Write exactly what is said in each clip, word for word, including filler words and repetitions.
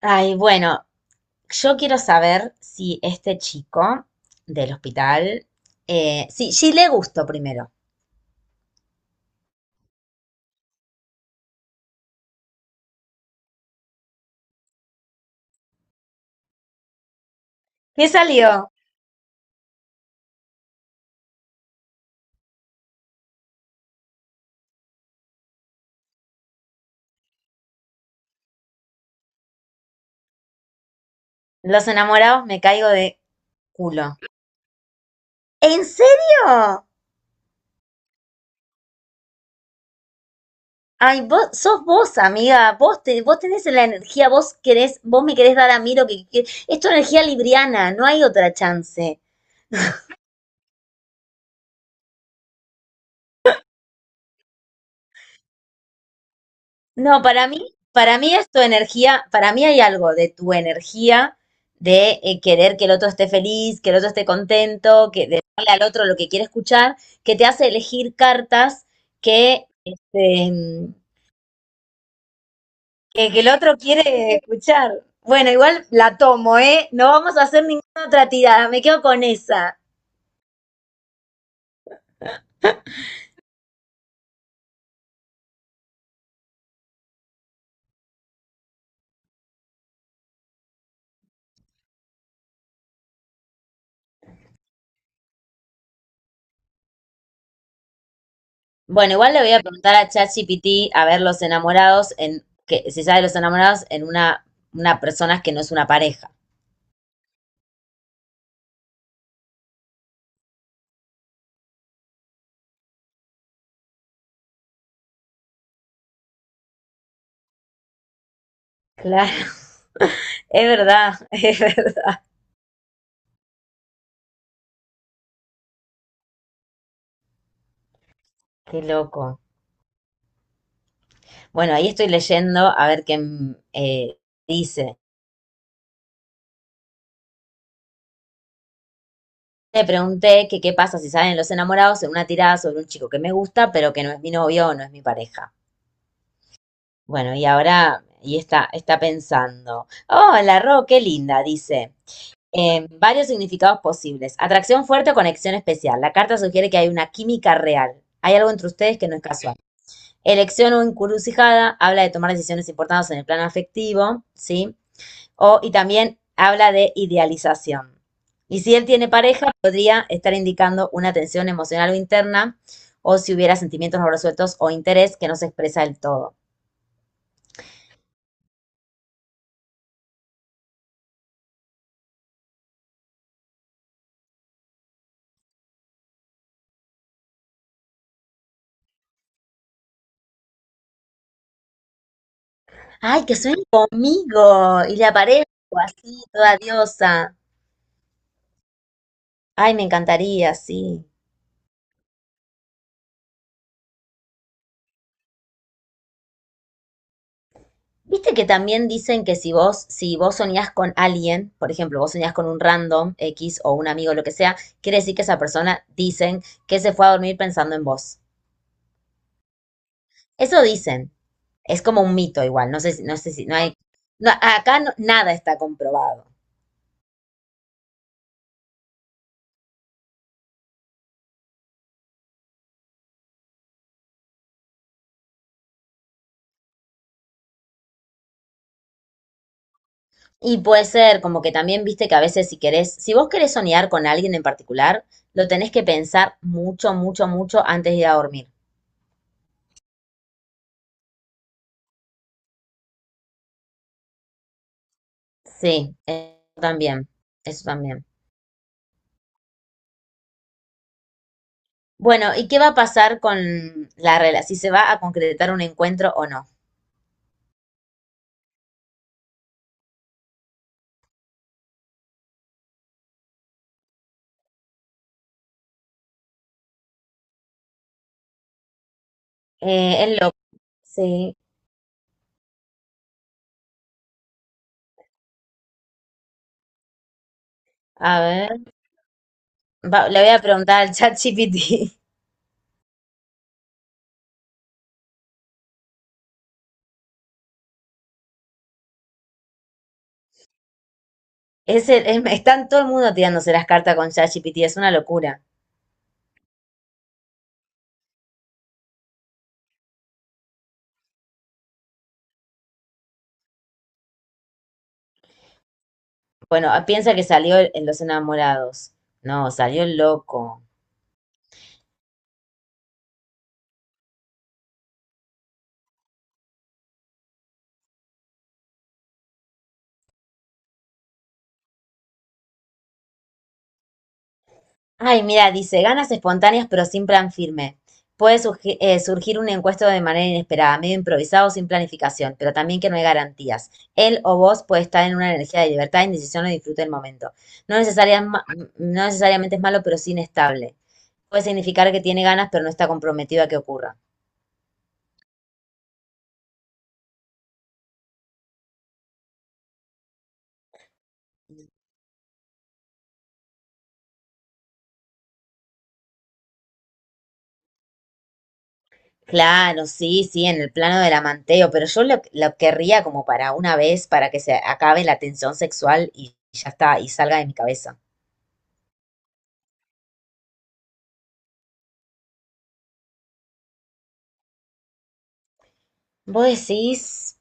Ay, bueno, yo quiero saber si este chico del hospital, eh, sí, sí le gustó primero. ¿Qué salió? Los enamorados, me caigo de culo. ¿En serio? Ay, vos sos vos, amiga. Vos, te, vos tenés la energía, vos querés, vos me querés dar a mí lo que, que- es tu energía libriana, no hay otra chance. No, para mí, para mí es tu energía, para mí hay algo de tu energía de eh, querer que el otro esté feliz, que el otro esté contento, que de darle al otro lo que quiere escuchar, que te hace elegir cartas que, este, que, que el otro quiere escuchar. Bueno, igual la tomo, ¿eh? No vamos a hacer ninguna otra tirada, me quedo con esa. Bueno, igual le voy a preguntar a ChatGPT a ver los enamorados en, que se sabe los enamorados en una, una persona que no es una pareja. Claro. Es verdad, es verdad. Qué loco. Bueno, ahí estoy leyendo a ver qué mm, eh, dice. Le pregunté que qué pasa si salen los enamorados en una tirada sobre un chico que me gusta, pero que no es mi novio o no es mi pareja. Bueno, y ahora, y está, está pensando. Hola, Ro, qué linda, dice. Eh, varios significados posibles. Atracción fuerte o conexión especial. La carta sugiere que hay una química real. Hay algo entre ustedes que no es casual. Elección o encrucijada, habla de tomar decisiones importantes en el plano afectivo, ¿sí? O, y también habla de idealización. Y si él tiene pareja, podría estar indicando una tensión emocional o interna, o si hubiera sentimientos no resueltos o interés que no se expresa del todo. ¡Ay, que sueñe conmigo! Y le aparezco así, toda diosa. Ay, me encantaría, sí. Viste que también dicen que si vos, si vos soñás con alguien, por ejemplo, vos soñás con un random X o un amigo, lo que sea, quiere decir que esa persona dicen que se fue a dormir pensando en vos. Eso dicen. Es como un mito igual. No sé si, no sé si, no hay, no, acá no- nada está comprobado. Y puede ser como que también viste que a veces si querés, si vos querés soñar con alguien en particular, lo tenés que pensar mucho, mucho, mucho antes de ir a dormir. Sí, eso también, eso también. Bueno, ¿y qué va a pasar con la relación? Si se va a concretar un encuentro o no. Eh, es loco. Sí, a ver. Va- le voy a preguntar al chat G P T. Es el- es- están todo el mundo tirándose las cartas con ChatGPT, es una locura. Bueno, ah, piensa que salió en Los Enamorados. No, salió el loco. Ay, mira, dice, ganas espontáneas pero sin plan firme. Puede surgi- eh, surgir un encuesto de manera inesperada, medio improvisado, sin planificación, pero también que no hay garantías. Él o vos puede estar en una energía de libertad, indecisión o disfrute del momento. No necesaria- ma- no necesariamente es malo, pero sí inestable. Puede significar que tiene ganas, pero no está comprometido a que ocurra. Claro, sí, sí, en el plano del amanteo, pero yo lo, lo querría como para una vez, para que se acabe la tensión sexual y ya está, y salga de mi cabeza. Vos decís,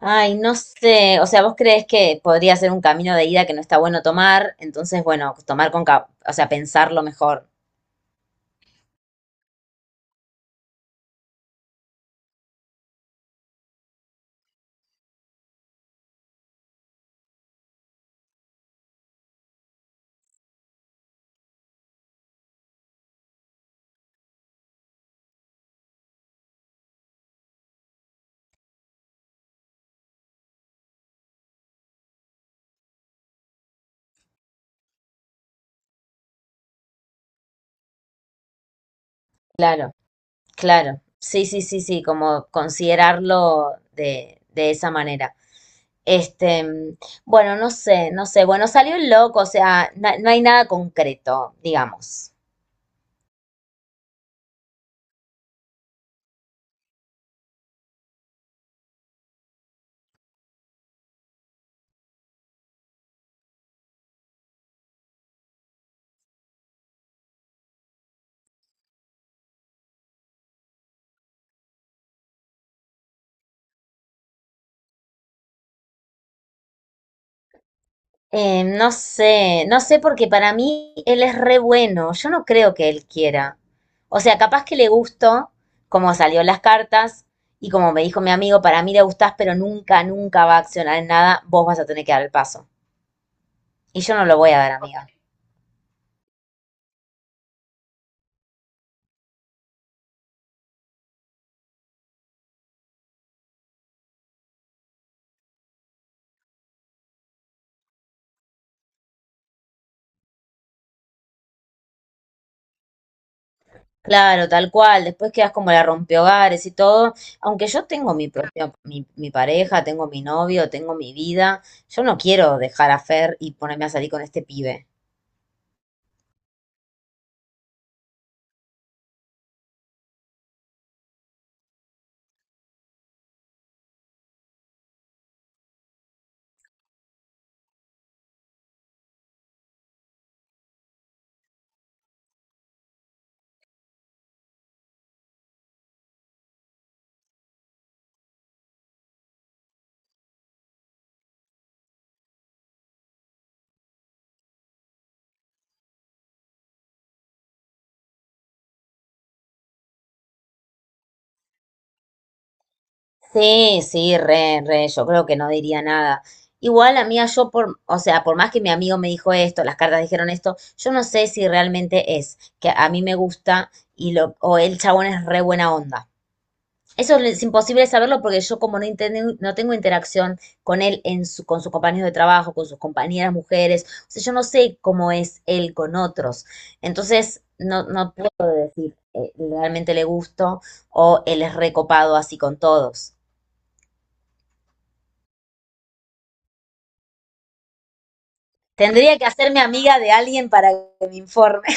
ay, no sé, o sea, vos crees que podría ser un camino de ida que no está bueno tomar, entonces, bueno, tomar con, ca- o sea, pensarlo mejor. Claro. Claro, sí, sí, sí, sí, como considerarlo de, de esa manera. Este, mm, bueno, no sé, no sé. Bueno, salió el loco, o sea, na- no hay nada concreto, digamos. Eh, no sé, no sé porque para mí él es re bueno. Yo no creo que él quiera. O sea, capaz que le gustó como salió en las cartas y como me dijo mi amigo, para mí le gustás, pero nunca, nunca va a accionar en nada, vos vas a tener que dar el paso. Y yo no lo voy a dar, amiga. Claro, tal cual. Después quedas como la rompehogares y todo. Aunque yo tengo mi propia, mi, mi pareja, tengo mi novio, tengo mi vida. Yo no quiero dejar a Fer y ponerme a salir con este pibe. Sí, sí, re, re, yo creo que no diría nada. Igual, amiga, yo por, o sea, por más que mi amigo me dijo esto, las cartas dijeron esto, yo no sé si realmente es que a mí me gusta y lo, o el chabón es re buena onda. Eso es imposible saberlo porque yo como no, inten- no tengo interacción con él, en su, con sus compañeros de trabajo, con sus compañeras mujeres, o sea, yo no sé cómo es él con otros. Entonces, no, no puedo decir eh, realmente le gusto o él es recopado así con todos. Tendría que hacerme amiga de alguien para que me informe.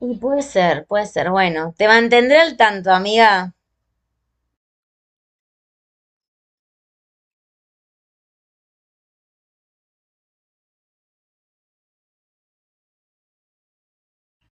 Y puede ser, puede ser. Bueno, te mantendré al tanto, amiga.